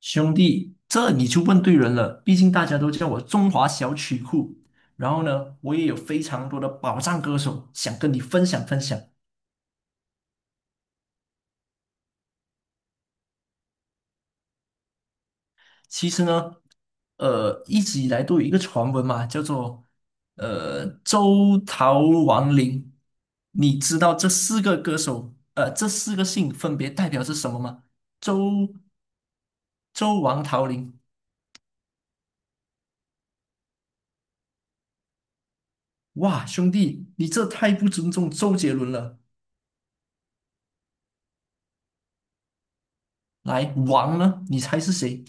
兄弟，这你就问对人了。毕竟大家都叫我中华小曲库，然后呢，我也有非常多的宝藏歌手想跟你分享分享。其实呢，一直以来都有一个传闻嘛，叫做周桃王林。你知道这四个歌手，这四个姓分别代表是什么吗？周周王桃林。哇，兄弟，你这太不尊重周杰伦了。来，王呢？你猜是谁？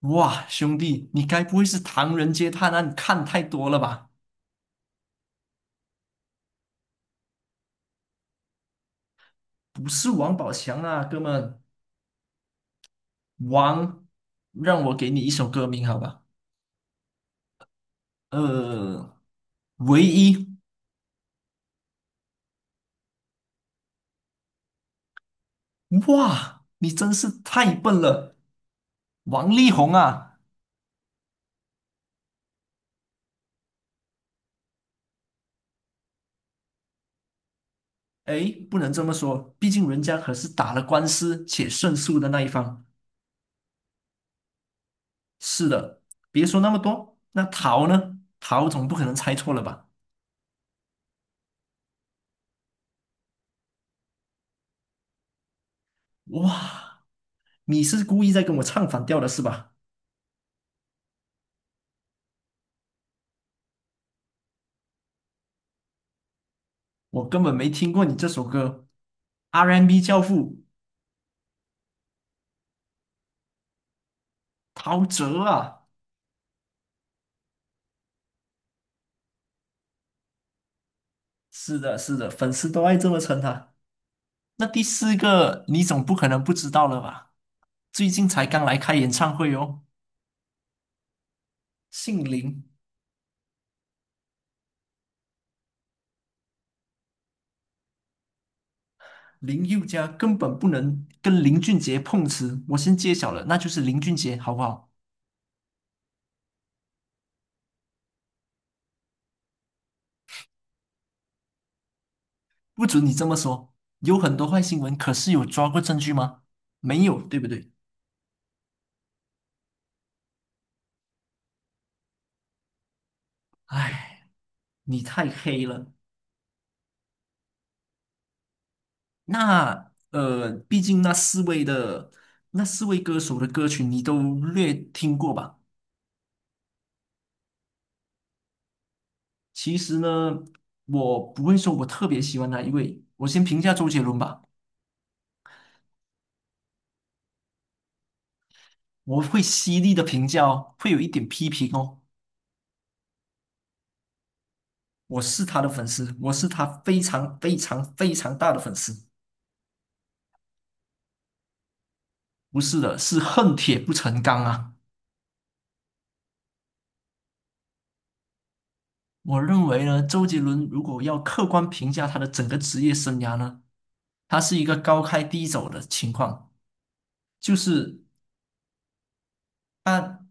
哇，兄弟，你该不会是《唐人街探案》看太多了吧？不是王宝强啊，哥们，王，让我给你一首歌名好吧？呃，唯一，哇，你真是太笨了，王力宏啊，哎，不能这么说，毕竟人家可是打了官司且胜诉的那一方。是的，别说那么多，那陶呢？陶总不可能猜错了吧？哇，你是故意在跟我唱反调的是吧？我根本没听过你这首歌，R&B 教父陶喆啊，是的，是的，粉丝都爱这么称他。那第四个，你总不可能不知道了吧？最近才刚来开演唱会哦，姓林，林宥嘉根本不能跟林俊杰碰瓷，我先揭晓了，那就是林俊杰，好不好？不准你这么说，有很多坏新闻，可是有抓过证据吗？没有，对不对？唉，你太黑了。那毕竟那四位歌手的歌曲你都略听过吧？其实呢，我不会说我特别喜欢哪一位，我先评价周杰伦吧。我会犀利的评价哦，会有一点批评哦。我是他的粉丝，我是他非常非常非常大的粉丝。不是的，是恨铁不成钢啊。我认为呢，周杰伦如果要客观评价他的整个职业生涯呢，他是一个高开低走的情况。就是他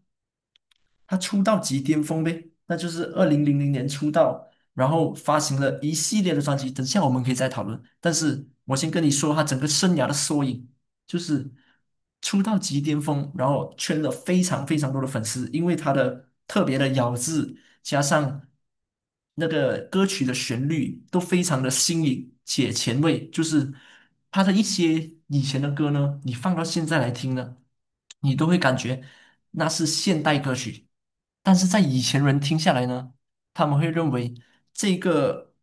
他出道即巅峰呗，那就是2000年出道，然后发行了一系列的专辑。等下我们可以再讨论，但是我先跟你说，他整个生涯的缩影就是出道即巅峰，然后圈了非常非常多的粉丝，因为他的特别的咬字，加上那个歌曲的旋律都非常的新颖且前卫，就是他的一些以前的歌呢，你放到现在来听呢，你都会感觉。那是现代歌曲，但是在以前人听下来呢，他们会认为这个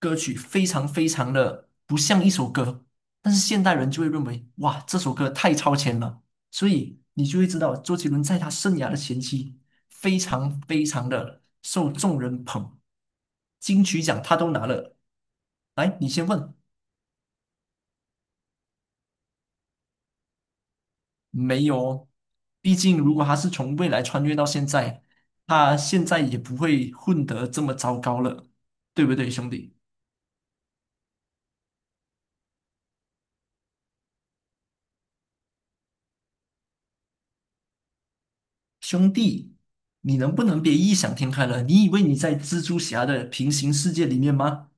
歌曲非常非常的不像一首歌，但是现代人就会认为哇，这首歌太超前了，所以你就会知道周杰伦在他生涯的前期非常非常的受众人捧，金曲奖他都拿了。来，你先问。没有，毕竟如果他是从未来穿越到现在，他现在也不会混得这么糟糕了，对不对，兄弟？兄弟，你能不能别异想天开了？你以为你在蜘蛛侠的平行世界里面吗？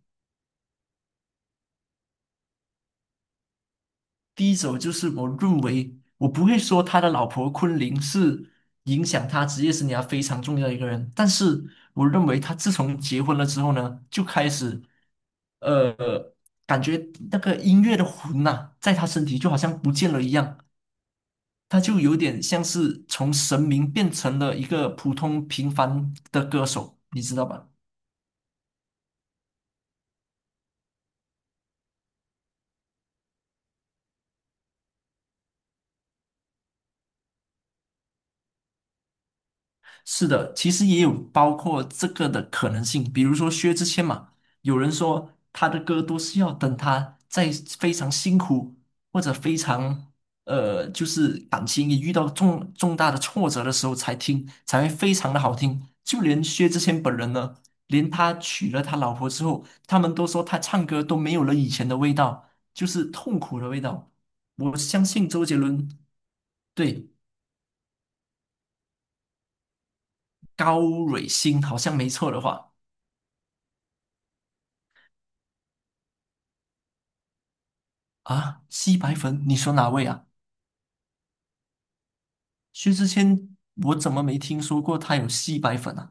第一种就是我认为，我不会说他的老婆昆凌是影响他职业生涯非常重要的一个人，但是我认为他自从结婚了之后呢，就开始。呃，感觉那个音乐的魂呐、在他身体就好像不见了一样，他就有点像是从神明变成了一个普通平凡的歌手，你知道吧？是的，其实也有包括这个的可能性，比如说薛之谦嘛，有人说他的歌都是要等他在非常辛苦或者非常就是感情也遇到重重大的挫折的时候才听，才会非常的好听。就连薛之谦本人呢，连他娶了他老婆之后，他们都说他唱歌都没有了以前的味道，就是痛苦的味道。我相信周杰伦对高蕊欣好像没错的话。啊，吸白粉？你说哪位啊？薛之谦，我怎么没听说过他有吸白粉啊？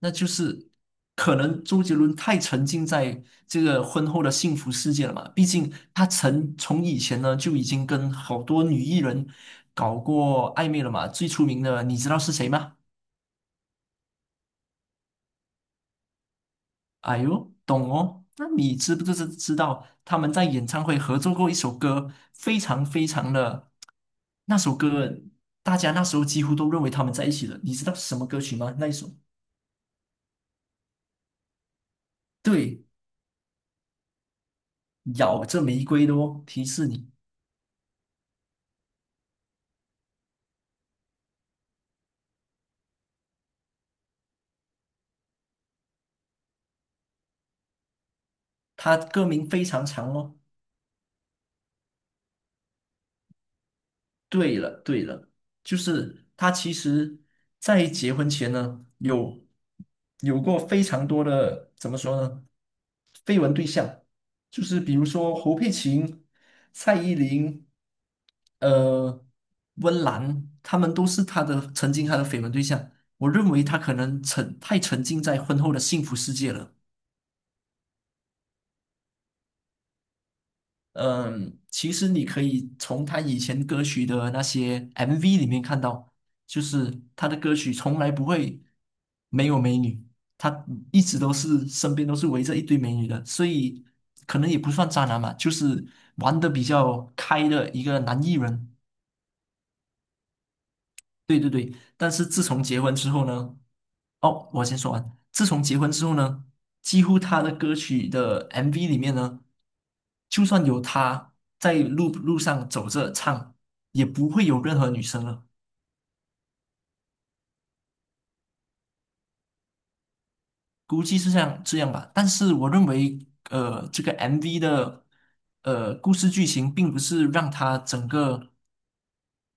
那就是可能周杰伦太沉浸在这个婚后的幸福世界了嘛。毕竟他曾从以前呢就已经跟好多女艺人搞过暧昧了嘛。最出名的，你知道是谁吗？哎呦，懂哦。那你知不知道他们在演唱会合作过一首歌，非常非常的那首歌，大家那时候几乎都认为他们在一起了。你知道是什么歌曲吗？那一首，对，咬着玫瑰的哦，提示你，它歌名非常长哦。对了，对了，就是他其实，在结婚前呢，有过非常多的怎么说呢，绯闻对象，就是比如说侯佩岑、蔡依林、呃，温岚，他们都是他的曾经他的绯闻对象。我认为他可能太沉浸在婚后的幸福世界了。嗯，其实你可以从他以前歌曲的那些 MV 里面看到，就是他的歌曲从来不会没有美女，他一直都是身边都是围着一堆美女的，所以可能也不算渣男嘛，就是玩的比较开的一个男艺人。对对对，但是自从结婚之后呢，哦，我先说完。自从结婚之后呢，几乎他的歌曲的 MV 里面呢，就算有他在路上走着唱，也不会有任何女生了，估计是像这样吧。但是我认为，这个 MV 的故事剧情并不是让他整个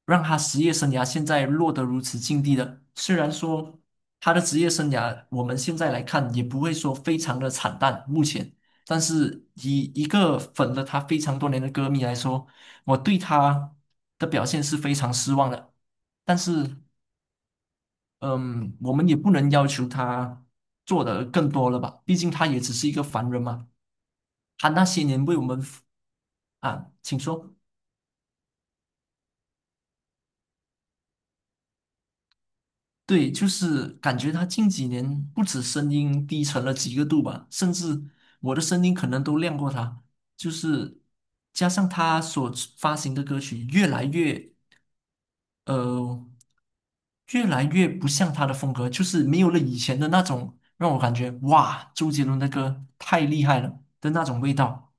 让他职业生涯现在落得如此境地的。虽然说他的职业生涯我们现在来看也不会说非常的惨淡，目前，但是以一个粉了他非常多年的歌迷来说，我对他的表现是非常失望的。但是，嗯，我们也不能要求他做的更多了吧？毕竟他也只是一个凡人嘛。他那些年为我们服啊，请说。对，就是感觉他近几年不止声音低沉了几个度吧，甚至我的声音可能都亮过他。就是加上他所发行的歌曲呃越来越不像他的风格，就是没有了以前的那种让我感觉哇，周杰伦的歌太厉害了的那种味道。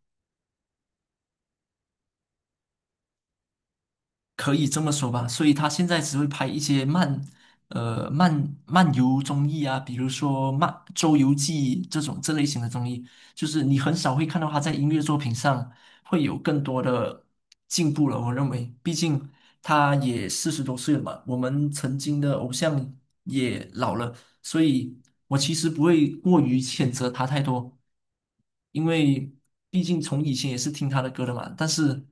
可以这么说吧，所以他现在只会拍一些漫游综艺啊，比如说《周游记》这类型的综艺，就是你很少会看到他在音乐作品上会有更多的进步了。我认为，毕竟他也40多岁了嘛，我们曾经的偶像也老了，所以我其实不会过于谴责他太多，因为毕竟从以前也是听他的歌的嘛。但是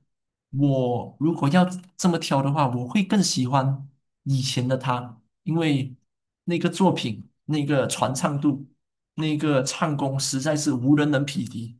我如果要这么挑的话，我会更喜欢以前的他，因为那个作品、那个传唱度、那个唱功实在是无人能匹敌。